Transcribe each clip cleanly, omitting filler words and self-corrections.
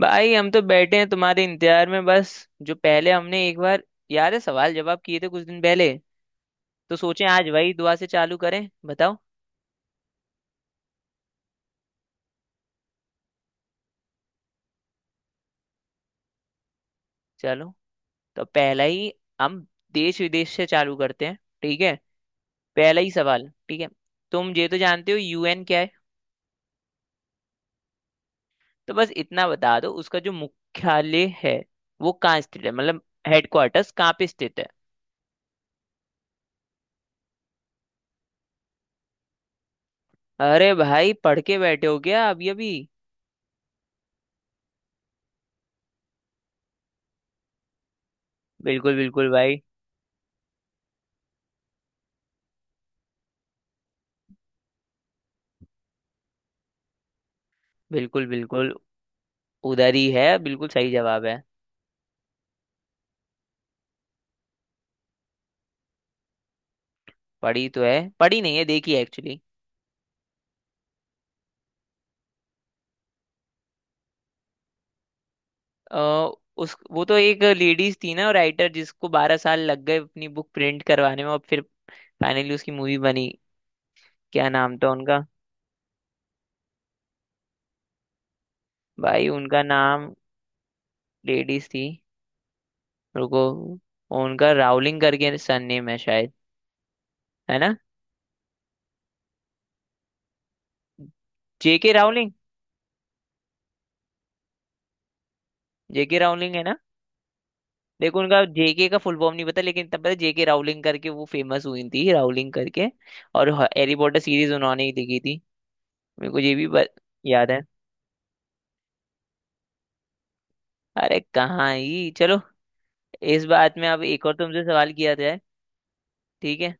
भाई हम तो बैठे हैं तुम्हारे इंतजार में बस। जो पहले हमने एक बार याद है सवाल जवाब किए थे कुछ दिन पहले, तो सोचे आज वही दुआ से चालू करें। बताओ, चलो। तो पहला ही, हम देश विदेश से चालू करते हैं, ठीक है। पहला ही सवाल, ठीक है। तुम ये तो जानते हो यूएन क्या है। तो बस इतना बता दो उसका जो मुख्यालय है वो कहाँ स्थित है। मतलब हेडक्वार्टर्स कहाँ पे स्थित है। अरे भाई, पढ़ के बैठे हो क्या अभी अभी। बिल्कुल बिल्कुल भाई। बिल्कुल बिल्कुल, उधर ही है। बिल्कुल सही जवाब है। पढ़ी तो है, पढ़ी नहीं है, देखी है एक्चुअली। अ, उस, वो तो एक लेडीज थी ना राइटर, जिसको 12 साल लग गए अपनी बुक प्रिंट करवाने में, और फिर फाइनली उसकी मूवी बनी। क्या नाम था उनका। भाई उनका नाम, लेडीज थी। रुको, उनका रावलिंग करके सरनेम है शायद, है ना। जेके रावलिंग। जेके रावलिंग है ना। देखो, उनका जेके का फुल फॉर्म नहीं पता, लेकिन तब पता जेके रावलिंग करके वो फेमस हुई थी, रावलिंग करके। और हैरी पॉटर सीरीज उन्होंने ही लिखी थी। मेरे को ये भी बत, याद है। अरे कहाँ ही चलो। इस बात में अब एक और तुमसे सवाल किया जाए। ठीक है।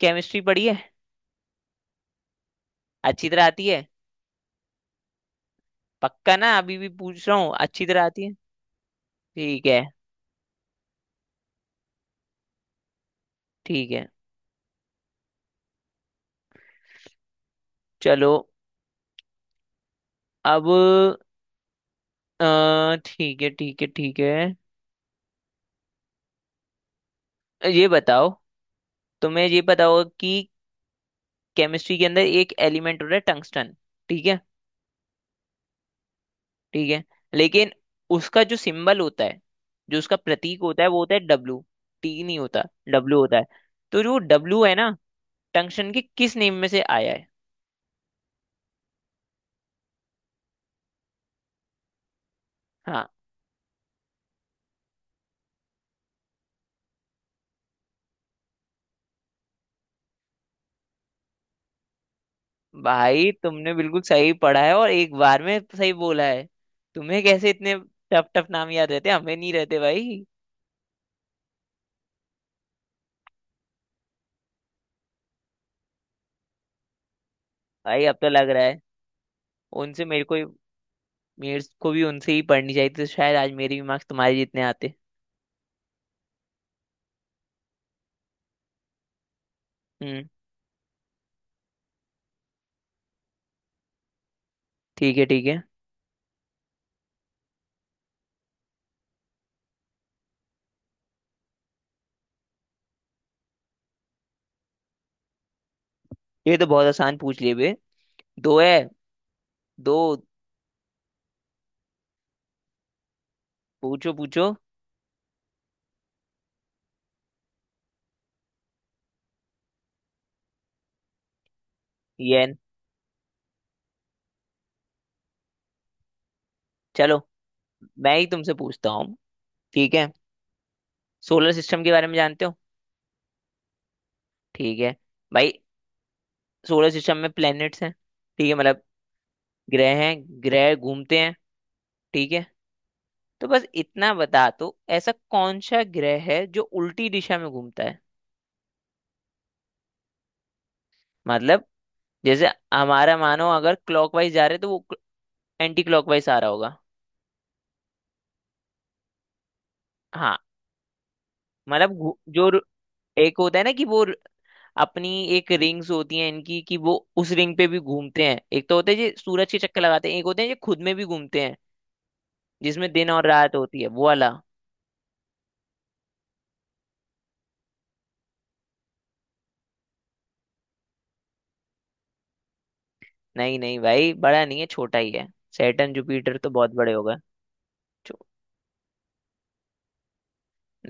केमिस्ट्री पढ़ी है। अच्छी तरह आती है। पक्का ना, अभी भी पूछ रहा हूँ, अच्छी तरह आती है। ठीक है। ठीक है, चलो। अब ठीक है ठीक है ठीक है। ये बताओ, तुम्हें ये पता होगा कि केमिस्ट्री के अंदर एक एलिमेंट होता है टंगस्टन, ठीक है। ठीक है, लेकिन उसका जो सिंबल होता है, जो उसका प्रतीक होता है, वो होता है डब्लू। टी नहीं होता, डब्लू होता है। तो जो डब्लू है ना, टंक्शन के किस नेम में से आया है। हाँ भाई, तुमने बिल्कुल सही पढ़ा है, और एक बार में सही बोला है। तुम्हें कैसे इतने टफ टफ नाम याद रहते हैं? हमें नहीं रहते भाई। भाई अब तो लग रहा है उनसे, मेरे को, मेरे को भी उनसे ही पढ़नी चाहिए थी, तो शायद आज मेरे भी मार्क्स तुम्हारे जितने आते। हम्म। ठीक है, ठीक है। ये तो बहुत आसान पूछ लिए बे। दो है, दो। पूछो पूछो। ये। चलो, मैं ही तुमसे पूछता हूँ, ठीक है। सोलर सिस्टम के बारे में जानते हो। ठीक है। भाई सोलर सिस्टम में प्लैनेट्स हैं, ठीक है, मतलब ग्रह हैं। ग्रह घूमते हैं, ठीक है। तो बस इतना बता, तो ऐसा कौन सा ग्रह है जो उल्टी दिशा में घूमता है। मतलब जैसे हमारा, मानो अगर क्लॉकवाइज जा रहे तो वो एंटी क्लॉकवाइज आ रहा होगा। हाँ। मतलब एक होता है ना कि वो अपनी, एक रिंग्स होती हैं इनकी कि वो उस रिंग पे भी घूमते हैं। एक तो होते हैं जो सूरज के चक्कर लगाते हैं, एक होते हैं जो खुद में भी घूमते हैं, जिसमें दिन और रात होती है, वो वाला। नहीं नहीं भाई, बड़ा नहीं है, छोटा ही है। सैटर्न जुपिटर तो बहुत बड़े हो गए। छो-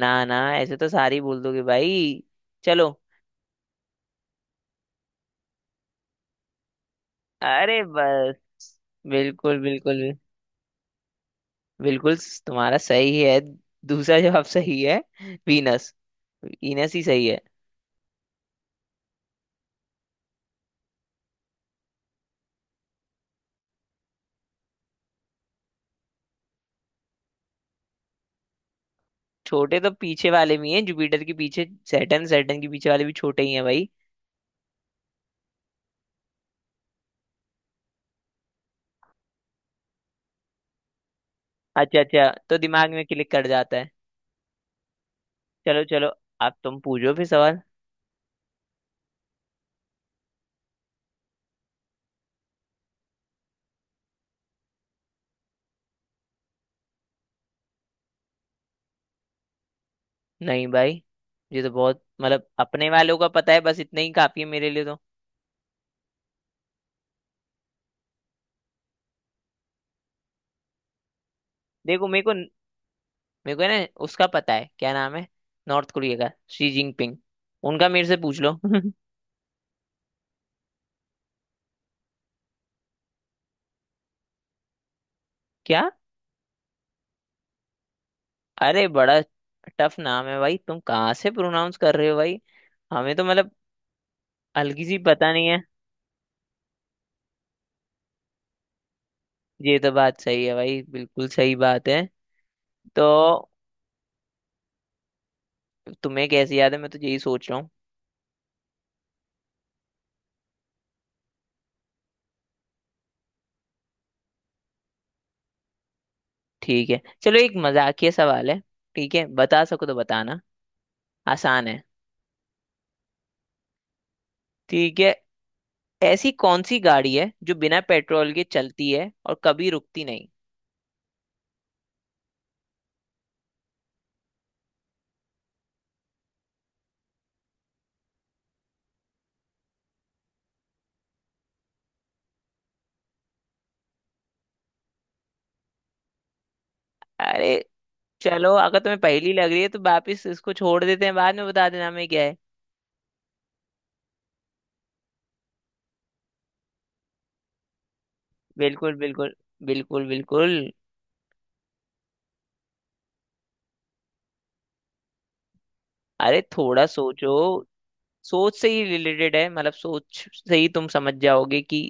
ना ना, ऐसे तो सारी बोल दोगे भाई। चलो, अरे बस, बिल्कुल बिल्कुल। बिल्कुल, तुम्हारा सही है। दूसरा जवाब सही है, वीनस। वीनस ही सही है। छोटे तो पीछे वाले भी हैं, जुपिटर के पीछे, सैटर्न, सैटर्न के पीछे वाले भी छोटे ही हैं भाई। अच्छा अच्छा, तो दिमाग में क्लिक कर जाता है। चलो चलो, अब तुम पूछो फिर सवाल। नहीं भाई, ये तो बहुत मतलब, अपने वालों का पता है, बस इतना ही काफी है मेरे लिए तो। देखो, मेरे को, मेरे को है ना उसका पता है क्या नाम है। नॉर्थ कोरिया का शी जिनपिंग, उनका मेरे से पूछ लो। क्या, अरे बड़ा टफ नाम है भाई, तुम कहाँ से प्रोनाउंस कर रहे हो भाई। हमें तो मतलब हल्की सी पता नहीं है। ये तो बात सही है भाई, बिल्कुल सही बात है। तो तुम्हें कैसे याद है, मैं तो यही सोच रहा हूँ। ठीक है चलो, एक मजाकिया सवाल है, ठीक है। बता सको तो बताना, आसान है। ठीक है। ऐसी कौन सी गाड़ी है जो बिना पेट्रोल के चलती है और कभी रुकती नहीं। अरे चलो, अगर तुम्हें पहली लग रही है तो वापिस इसको छोड़ देते हैं, बाद में बता देना हमें क्या है। बिल्कुल बिल्कुल। बिल्कुल बिल्कुल। अरे थोड़ा सोचो, सोच से ही रिलेटेड है, मतलब सोच से ही तुम समझ जाओगे कि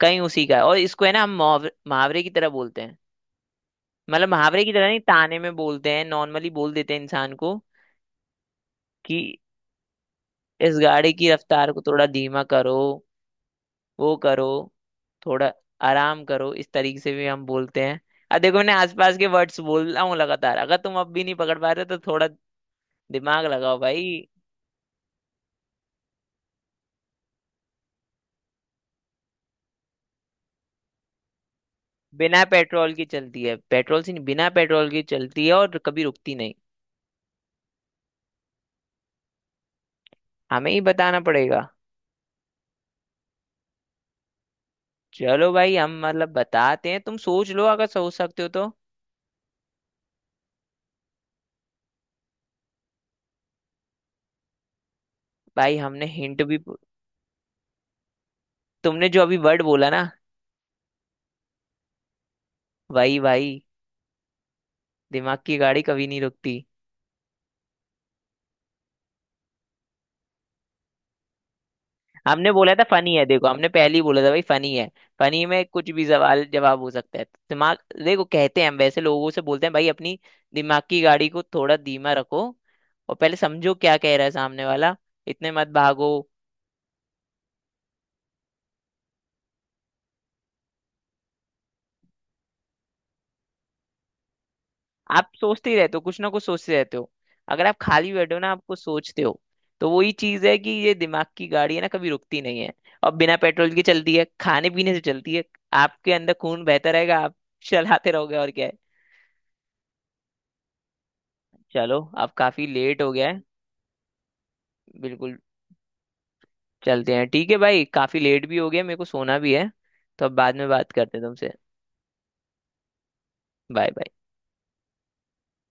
कहीं उसी का है। और इसको है ना हम मुहावरे, मुहावरे की तरह बोलते हैं, मतलब मुहावरे की तरह नहीं, ताने में बोलते हैं, नॉर्मली बोल देते हैं इंसान को कि इस गाड़ी की रफ्तार को थोड़ा धीमा करो, वो करो, थोड़ा आराम करो, इस तरीके से भी हम बोलते हैं। अब देखो, मैंने आसपास के वर्ड्स बोल रहा हूँ लगातार, अगर तुम अब भी नहीं पकड़ पा रहे हो, तो थोड़ा दिमाग लगाओ भाई। बिना पेट्रोल की चलती है, पेट्रोल से नहीं, बिना पेट्रोल की चलती है और कभी रुकती नहीं। हमें ही बताना पड़ेगा। चलो भाई, हम मतलब बताते हैं, तुम सोच लो अगर सोच सकते हो तो। भाई हमने हिंट भी, तुमने जो अभी वर्ड बोला ना, वही भाई। दिमाग की गाड़ी कभी नहीं रुकती। हमने बोला था फनी है, देखो हमने पहले ही बोला था भाई फनी है। फनी में कुछ भी सवाल जवाब हो सकता है। दिमाग, देखो कहते हैं हम, वैसे लोगों से बोलते हैं भाई, अपनी दिमाग की गाड़ी को थोड़ा धीमा रखो, और पहले समझो क्या कह रहा है सामने वाला, इतने मत भागो। आप सोचते ही रहते हो, कुछ ना कुछ सोचते रहते हो। अगर आप खाली बैठे हो ना, आपको सोचते हो। तो वही चीज है कि ये दिमाग की गाड़ी है ना, कभी रुकती नहीं है, और बिना पेट्रोल के चलती है, खाने पीने से चलती है। आपके अंदर खून बहता रहेगा, आप चलाते रहोगे, और क्या है। चलो अब काफी लेट हो गया है। बिल्कुल, चलते हैं, ठीक है भाई, काफी लेट भी हो गया, मेरे को सोना भी है। तो अब बाद में बात करते हैं तुमसे। Bye bye.